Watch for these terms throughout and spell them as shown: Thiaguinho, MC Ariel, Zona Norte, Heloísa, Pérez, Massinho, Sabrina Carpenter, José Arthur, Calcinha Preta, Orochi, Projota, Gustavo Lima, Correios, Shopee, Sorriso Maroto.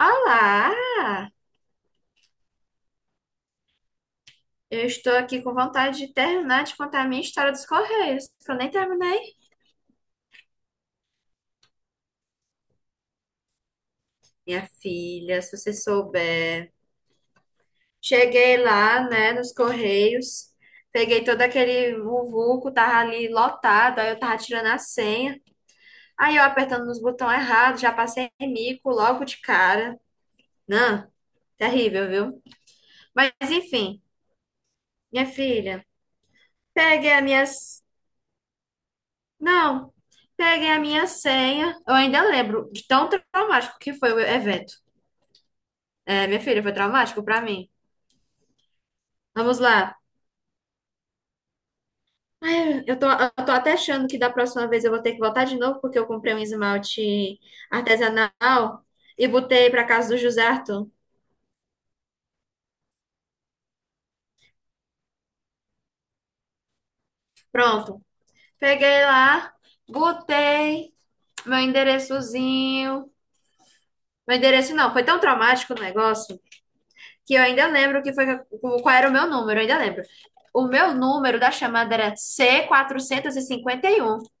Olá! Eu estou aqui com vontade de terminar de contar a minha história dos Correios, que eu nem terminei. Minha filha, se você souber. Cheguei lá, né, nos Correios, peguei todo aquele vuvuco, tava ali lotado, aí eu tava tirando a senha, aí eu apertando nos botões errados, já passei mico logo de cara. Não, terrível, viu? Mas enfim, minha filha, peguei a minha Não, peguei a minha senha. Eu ainda lembro de tão traumático que foi o evento. É, minha filha, foi traumático pra mim. Vamos lá. Eu tô até achando que da próxima vez eu vou ter que voltar de novo, porque eu comprei um esmalte artesanal e botei pra casa do José Arthur. Pronto. Peguei lá, botei meu endereçozinho. Meu endereço não, foi tão traumático o negócio. Que eu ainda lembro que foi qual era o meu número, eu ainda lembro. O meu número da chamada era C451 e cinquenta e um.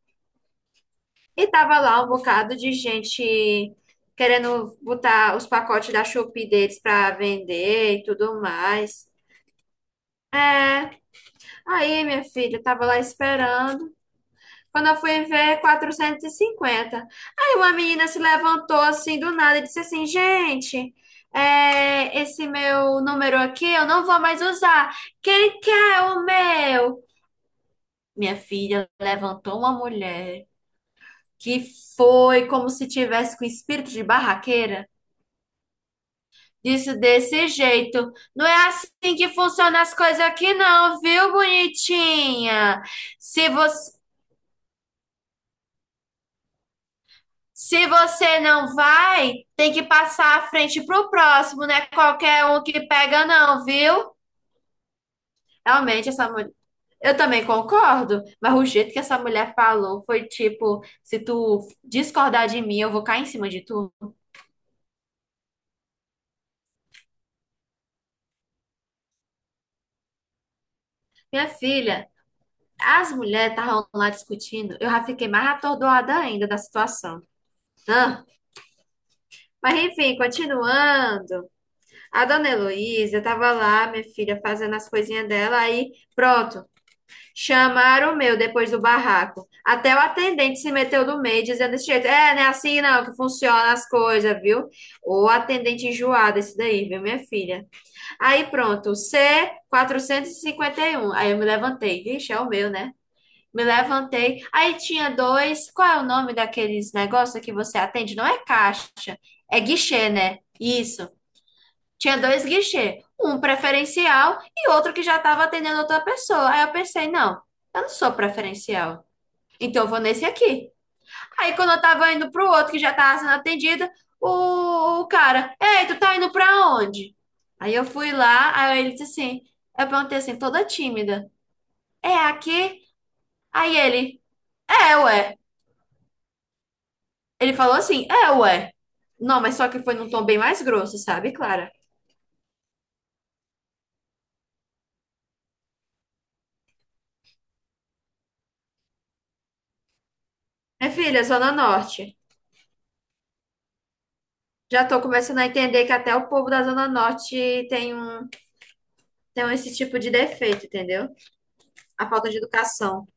E tava lá um bocado de gente querendo botar os pacotes da Shopee deles para vender e tudo mais. É, aí minha filha eu tava lá esperando. Quando eu fui ver, 450, aí uma menina se levantou assim do nada e disse assim: Gente, é, esse meu número aqui eu não vou mais usar. Quem quer o meu? Minha filha, levantou uma mulher que foi como se tivesse com espírito de barraqueira. Disse desse jeito: Não é assim que funcionam as coisas aqui, não, viu, bonitinha? Se você Se você não vai, tem que passar a frente pro próximo, né? Qualquer um que pega, não, viu? Realmente, essa mulher. Eu também concordo, mas o jeito que essa mulher falou foi tipo: se tu discordar de mim, eu vou cair em cima de tu. Minha filha, as mulheres estavam lá discutindo, eu já fiquei mais atordoada ainda da situação. Ah, mas enfim, continuando. A dona Heloísa tava lá, minha filha, fazendo as coisinhas dela, aí pronto. Chamaram o meu depois do barraco. Até o atendente se meteu do meio, dizendo desse jeito: É, não é assim não que funciona as coisas, viu? O atendente enjoado, esse daí, viu, minha filha? Aí pronto, c quatrocentos e cinquenta e um Aí eu me levantei. Vixe, é o meu, né? Me levantei. Aí tinha dois. Qual é o nome daqueles negócios que você atende? Não é caixa, é guichê, né? Isso. Tinha dois guichês, um preferencial e outro que já estava atendendo outra pessoa. Aí eu pensei, não, eu não sou preferencial, então eu vou nesse aqui. Aí quando eu tava indo pro outro que já tava sendo atendido, o cara, ei, tu tá indo pra onde? Aí eu fui lá, aí ele disse assim, eu perguntei assim, toda tímida, é aqui? Aí ele, é, ué. Ele falou assim, é, ué. Não, mas só que foi num tom bem mais grosso, sabe, Clara? É, filha, Zona Norte. Já tô começando a entender que até o povo da Zona Norte tem um esse tipo de defeito, entendeu? A falta de educação.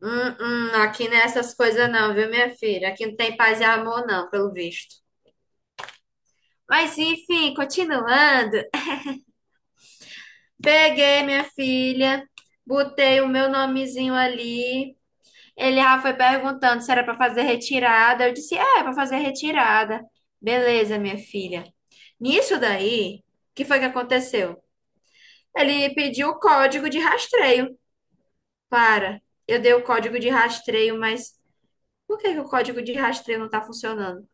Hum, aqui não é essas coisas não, viu, minha filha? Aqui não tem paz e amor não, pelo visto. Mas enfim, continuando. Peguei, minha filha, botei o meu nomezinho ali. Ele já foi perguntando se era para fazer retirada. Eu disse, é, é para fazer retirada. Beleza, minha filha. Nisso daí, o que foi que aconteceu? Ele pediu o código de rastreio. Para, eu dei o código de rastreio, mas por que que o código de rastreio não tá funcionando?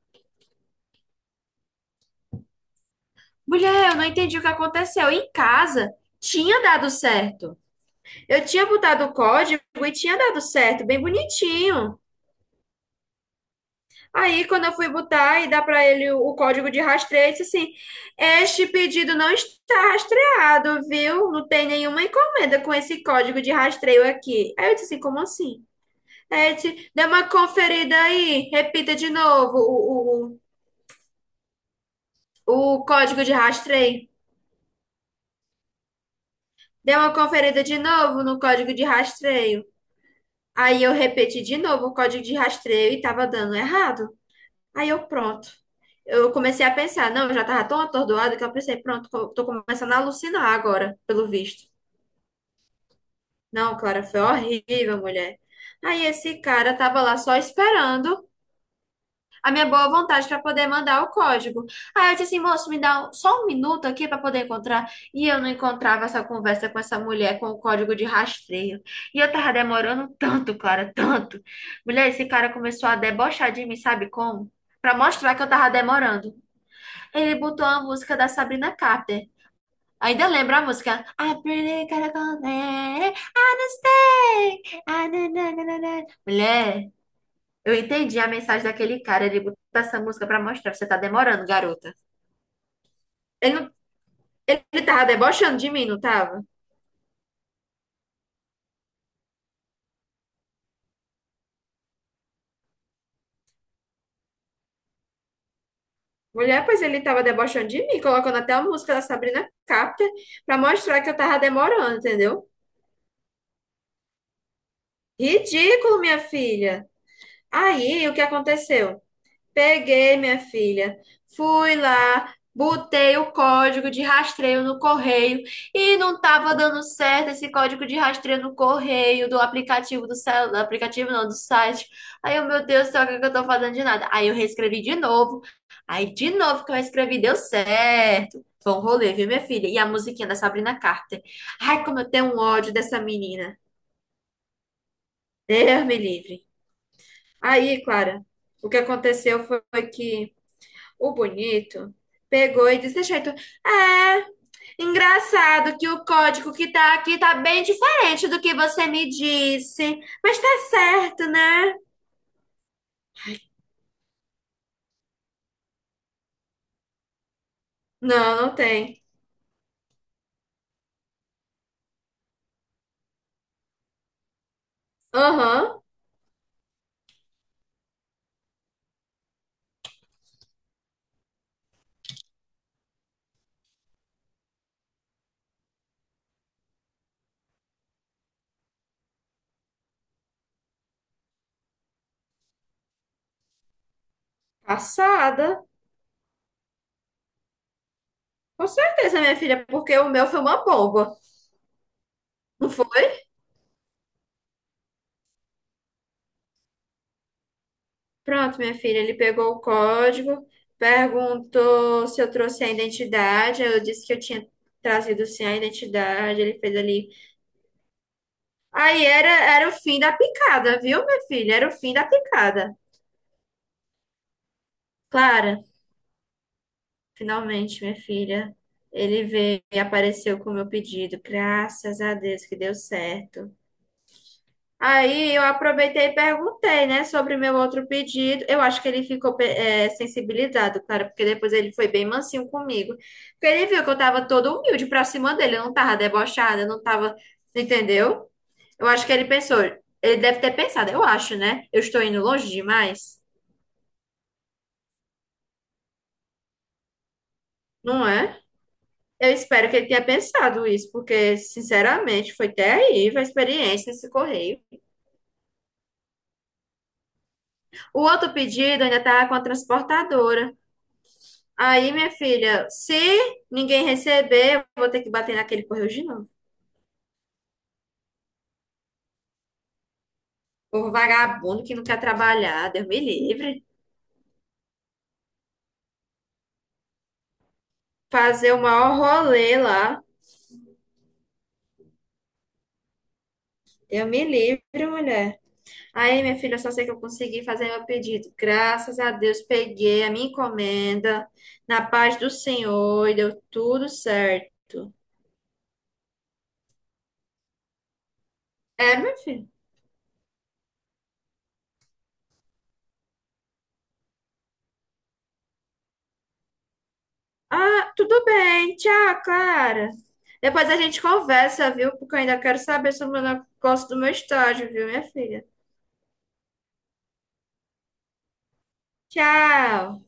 Mulher, eu não entendi o que aconteceu. Em casa tinha dado certo. Eu tinha botado o código e tinha dado certo, bem bonitinho. Aí, quando eu fui botar e dar para ele o código de rastreio, ele disse assim: Este pedido não está rastreado, viu? Não tem nenhuma encomenda com esse código de rastreio aqui. Aí eu disse assim: Como assim? É, dê uma conferida aí. Repita de novo o código de rastreio. Dê uma conferida de novo no código de rastreio. Aí eu repeti de novo o código de rastreio e tava dando errado. Aí eu, pronto. Eu comecei a pensar, não, eu já tava tão atordoada que eu pensei, pronto, tô começando a alucinar agora, pelo visto. Não, Clara, foi horrível, mulher. Aí esse cara tava lá só esperando a minha boa vontade para poder mandar o código. Aí eu disse assim, moço, só um minuto aqui para poder encontrar. E eu não encontrava essa conversa com essa mulher com o código de rastreio. E eu tava demorando tanto, Clara, tanto. Mulher, esse cara começou a debochar de mim, sabe como? Para mostrar que eu tava demorando. Ele botou a música da Sabrina Carpenter. Ainda lembra a música? I pretty gotta go there. I don't stay. Ah, na, na, na, na, na. Mulher. Eu entendi a mensagem daquele cara. Ele botou essa música pra mostrar. Você tá demorando, garota. Ele, não, ele tava debochando de mim, não tava? Mulher, pois ele tava debochando de mim, colocando até a música da Sabrina Carpenter pra mostrar que eu tava demorando, entendeu? Ridículo, minha filha. Aí, o que aconteceu? Peguei, minha filha. Fui lá, botei o código de rastreio no correio e não estava dando certo esse código de rastreio no correio do aplicativo do celular, aplicativo não, do site. Aí eu, meu Deus do céu, o que que eu tô fazendo de nada? Aí eu reescrevi de novo. Aí de novo que eu escrevi deu certo. Foi um rolê, viu, minha filha? E a musiquinha da Sabrina Carter. Ai, como eu tenho um ódio dessa menina. Deus me livre. Aí, Clara, o que aconteceu foi que o bonito pegou e disse, jeito, é, engraçado que o código que tá aqui tá bem diferente do que você me disse, mas tá certo, né? Não, não tem. Aham. Passada. Com certeza, minha filha, porque o meu foi uma boba, não foi? Pronto, minha filha, ele pegou o código, perguntou se eu trouxe a identidade, eu disse que eu tinha trazido sim a identidade, ele fez ali. Aí era o fim da picada, viu, minha filha? Era o fim da picada. Clara, finalmente, minha filha, ele veio e apareceu com o meu pedido. Graças a Deus que deu certo. Aí eu aproveitei e perguntei, né, sobre meu outro pedido. Eu acho que ele ficou sensibilizado, cara, porque depois ele foi bem mansinho comigo. Porque ele viu que eu tava toda humilde pra cima dele, eu não tava debochada, eu não tava, entendeu? Eu acho que ele pensou, ele deve ter pensado, eu acho, né? Eu estou indo longe demais, não é? Eu espero que ele tenha pensado isso, porque, sinceramente, foi terrível a experiência nesse correio. O outro pedido ainda tá com a transportadora. Aí, minha filha, se ninguém receber, eu vou ter que bater naquele correio de novo. Povo vagabundo que não quer trabalhar, Deus me livre. Fazer o maior rolê lá. Deus me livre, mulher. Aí, minha filha, eu só sei que eu consegui fazer meu pedido. Graças a Deus, peguei a minha encomenda na paz do Senhor e deu tudo certo. É, minha filha. Ah, tudo bem. Tchau, Clara. Depois a gente conversa, viu? Porque eu ainda quero saber sobre o negócio do meu estágio, viu, minha filha? Tchau.